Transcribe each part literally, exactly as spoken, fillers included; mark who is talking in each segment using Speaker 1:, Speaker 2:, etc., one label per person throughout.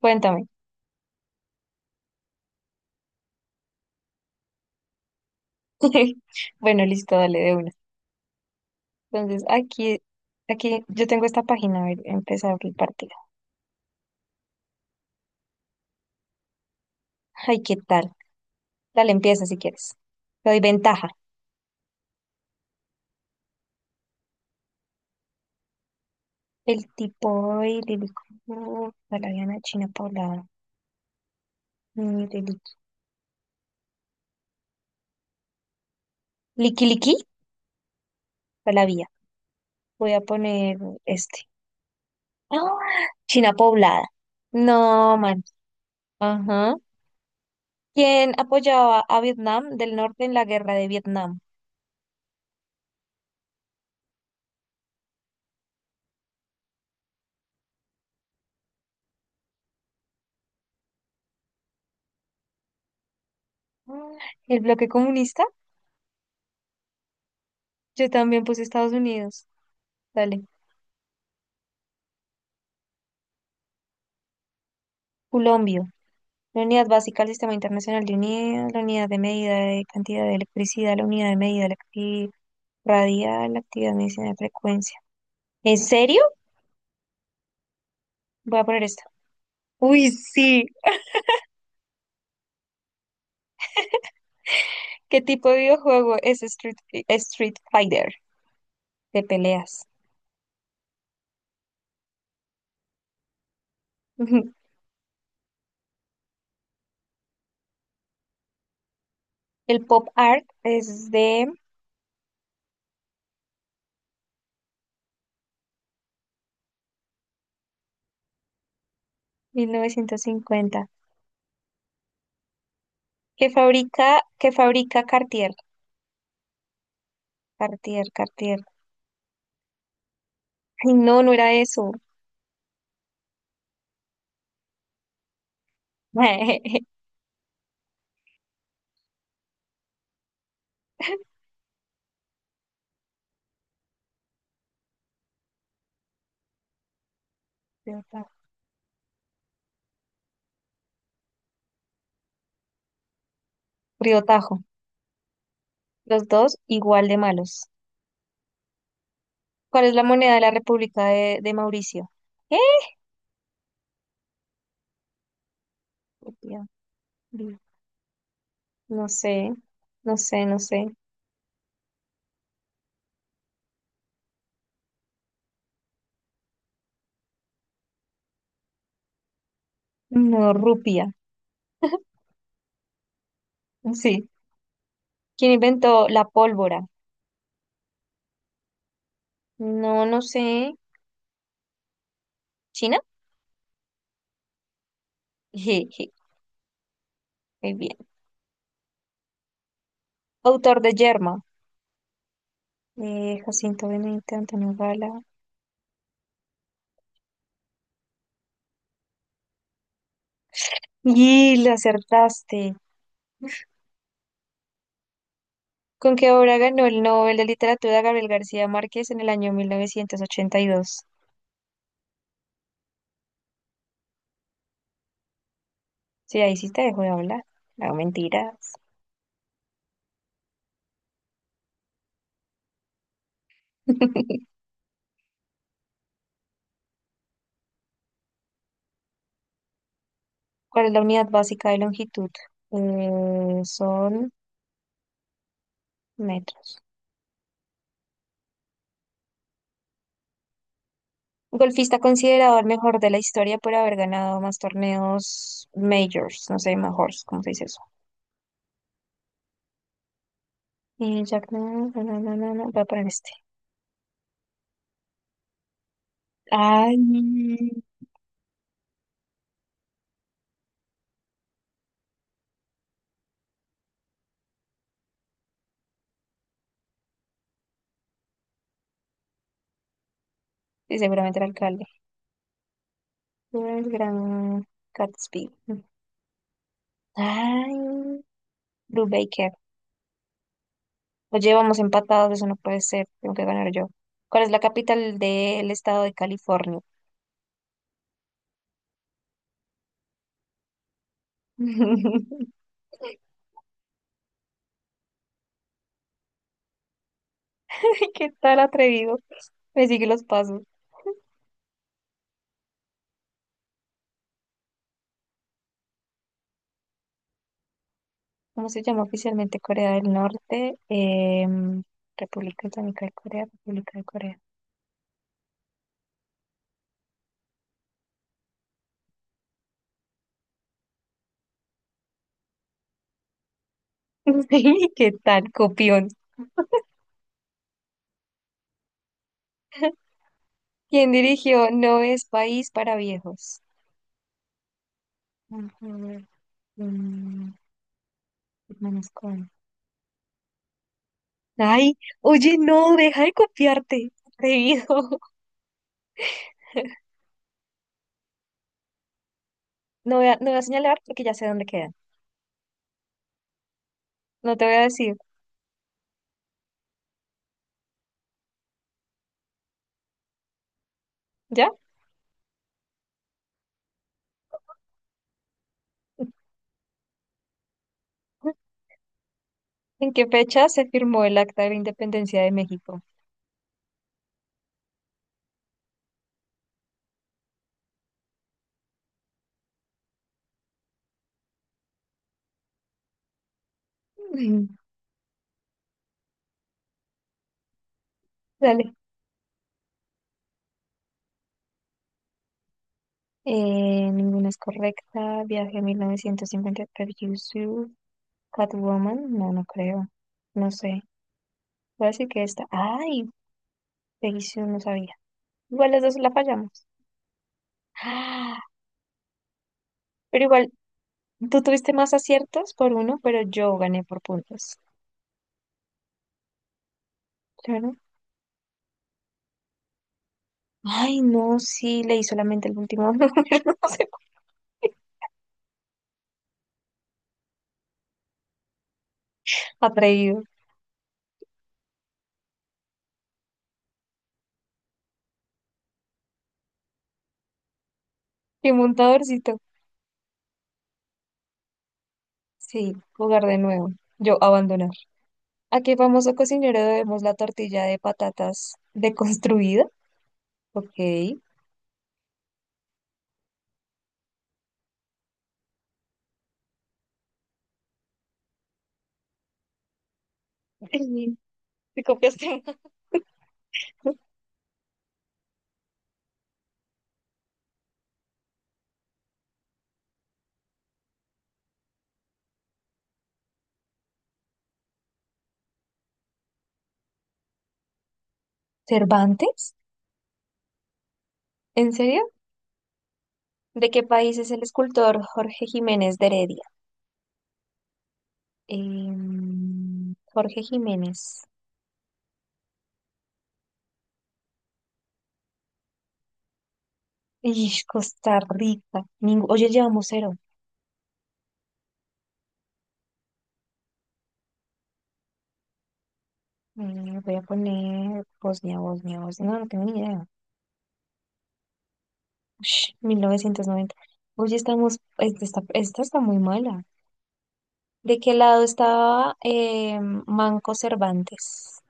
Speaker 1: Cuéntame. Bueno, listo, dale de una. Entonces, aquí, aquí yo tengo esta página, a ver, empezar el partido. Ay, ¿qué tal? Dale, empieza si quieres. Te doy ventaja. El tipo de Lilico, Palaviana, China Paula, mm, de liqui Liqui Liqui, Palavia. Voy a poner este. ¡Ah! China poblada. No, man. Ajá. ¿Quién apoyaba a Vietnam del Norte en la guerra de Vietnam? Ah, ¿el bloque comunista? Yo también puse Estados Unidos. Dale. Culombio. La unidad básica del Sistema Internacional de Unidas, la unidad de medida de cantidad de electricidad, la unidad de medida de la actividad radial, la actividad de medicina de frecuencia. ¿En serio? Voy a poner esto. Uy, sí. ¿Qué tipo de videojuego es Street, Fi- Street Fighter de peleas? El pop art es de mil novecientos cincuenta. ¿Qué fabrica, qué fabrica Cartier? Cartier, Cartier. Ay, no, no era eso. Riotajo. Los dos igual de malos. ¿Cuál es la moneda de la República de, de Mauricio? ¿Eh? Rupia. Li- No sé, no sé, no sé. No, rupia. Sí. ¿Quién inventó la pólvora? No, no sé. ¿China? Jeje, muy bien. Autor de Yerma. Eh, Jacinto Benavente Antonio Gala. Y lo acertaste. ¿Con qué obra ganó el Nobel de Literatura Gabriel García Márquez en el año mil novecientos ochenta y dos? Sí, ahí sí te dejo de hablar. No, mentiras. ¿Cuál es la unidad básica de longitud? Eh, son metros. Golfista considerado el mejor de la historia por haber ganado más torneos majors, no sé, majors, ¿cómo se dice eso? Eh, Jack, no, no, no, no, no, voy a poner este. Ay, sí, seguramente el alcalde. El gran Gatsby. Ay, Blue Baker. Oye, vamos empatados, eso no puede ser, tengo que ganar yo. ¿Cuál es la capital del estado de California? ¿Qué tal atrevido? Me sigue los pasos. ¿Cómo se llama oficialmente Corea del Norte? Em, República Islámica de Corea, República de Corea. Sí, ¿qué tal, copión? ¿Quién dirigió No es país para viejos? Ujú, mm, Hermanos Coen. Ay, oye, no, deja de copiarte, atrevido. No voy a, no voy a señalar porque ya sé dónde quedan. No te voy a decir, ¿ya? ¿En qué fecha se firmó el Acta de la Independencia de México? Dale. Eh, ninguna es correcta. Viaje a mil novecientos cincuenta per You Sue. Catwoman, no, no creo. No sé. Voy a decir que esta. Ay, Peggy Sue, no sabía. Igual las dos la fallamos. Ah, pero igual, tú tuviste más aciertos por uno, pero yo gané por puntos. Claro. Ay, no, sí, leí solamente el último número. No sé por qué. Atrevido. Qué montadorcito. Sí, jugar de nuevo. Yo abandoné. ¿A qué famoso cocinero debemos la tortilla de patatas deconstruida? Ok. ¿Te copiaste? ¿Cervantes? ¿En serio? ¿De qué país es el escultor Jorge Jiménez de Heredia? Em, Jorge Jiménez. Ish, Costa Rica. Ningú- Oye, llevamos cero. Mm, voy a poner Bosnia, Bosnia, Bosnia. No, no tengo ni idea. Ush, mil novecientos noventa. Oye, estamos. esta, esta está muy mala. ¿De qué lado estaba eh, Manco Cervantes?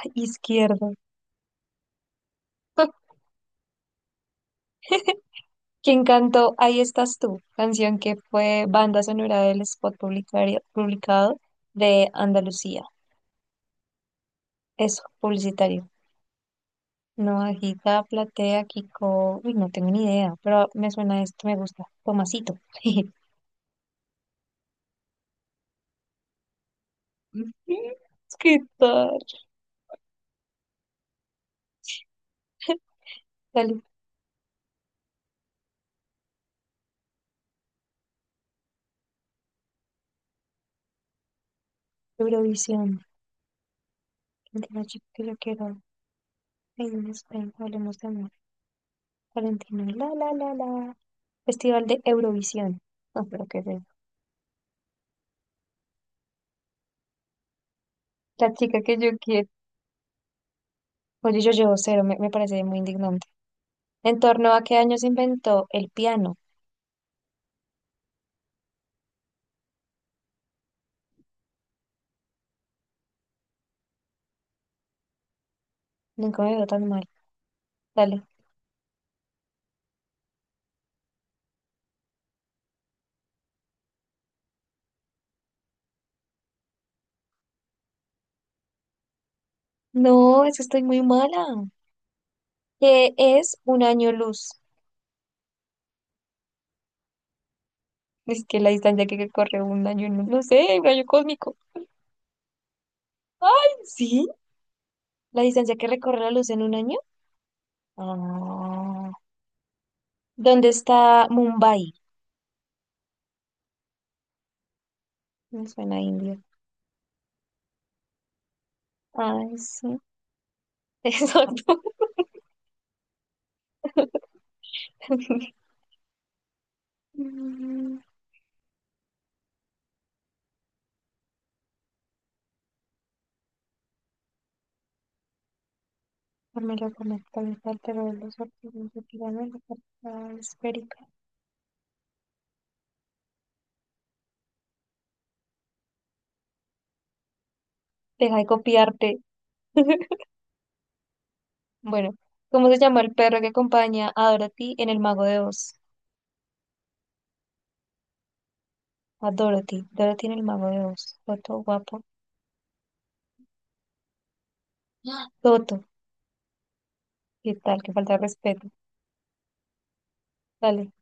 Speaker 1: Ay, izquierdo. ¿Quién cantó Ahí estás tú? Canción que fue banda sonora del spot publicario- publicado de Andalucía. Eso, publicitario. Navajita, Platea, Kiko. Uy, no tengo ni idea, pero me suena esto, me gusta. Tomasito. ¿Qué tal? Dale, Eurovisión. Argentina, chico, que yo quiero. Ahí en España, hablemos de amor. Valentino, la la la la. Festival de Eurovisión. No, pero qué es La chica que yo quiero. Oye, yo llevo cero, me, me parece muy indignante. ¿En torno a qué año se inventó el piano? Nunca me veo tan mal. Dale. No, es que estoy muy mala. ¿Qué es un año luz? Es que la distancia que corre un año, en no sé, un año cósmico. ¡Ay, sí! ¿La distancia que recorre la luz en un año? Ah. ¿Dónde está Mumbai? Me suena a India. Ay, sí. Exacto. Carmela Gómez, cabeza del los artistas de pirámide, la portada esférica. Deja de copiarte. Bueno, ¿cómo se llama el perro que acompaña a Dorothy en El Mago de Oz? A Dorothy, Dorothy en El Mago de Oz. Toto, guapo. ¡Ah! Toto, ¿qué tal? Qué falta de respeto. Dale.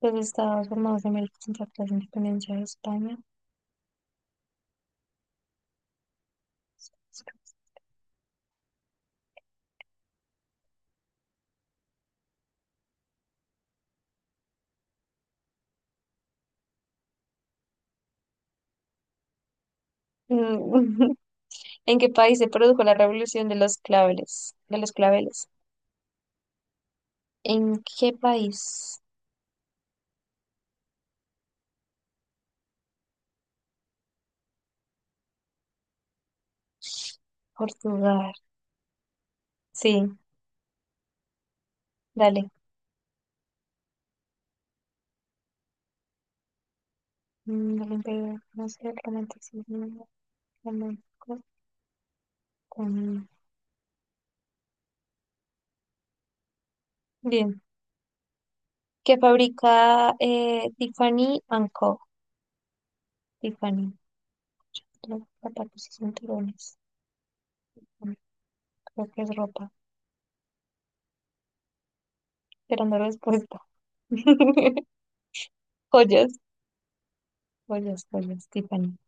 Speaker 1: Los estados formados en América Central tras la independencia de España. Mm, ¿En qué país se produjo la revolución de los claveles? De los claveles. ¿En qué país? Portugal. Sí, dale. Mm, el imperio francés, el romanticismo flamenco. Con Bien. Que fabrica eh, Tiffany and Co. Tiffany. Los zapatos y cinturones. Mm, Creo que es ropa. Esperando respuesta. Joyas. Joyas, joyas. Tiffany.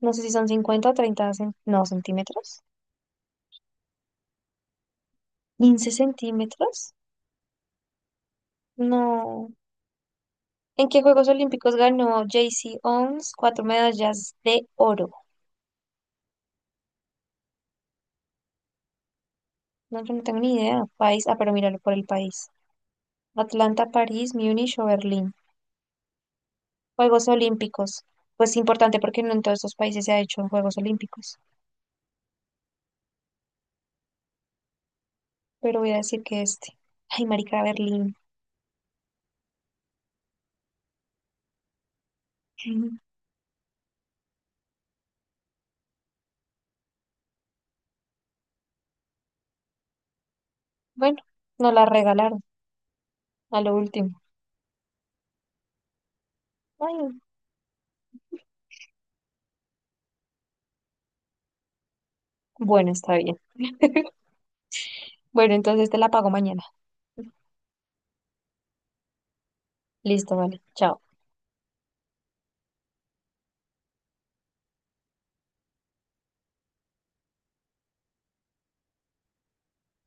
Speaker 1: No sé si son cincuenta o treinta cen- no, centímetros. ¿quince centímetros? No. ¿En qué Juegos Olímpicos ganó J. C. Owens cuatro medallas de oro? No, yo no tengo ni idea. País. Ah, pero míralo por el país. Atlanta, París, Múnich o Berlín. Juegos Olímpicos. Pues importante porque no en todos estos países se ha hecho Juegos Olímpicos. Pero voy a decir que este. Ay, marica, Berlín. Bueno, nos la regalaron a lo último. Ay, bueno, está bien. Bueno, entonces te la pago mañana. Listo, vale. Chao.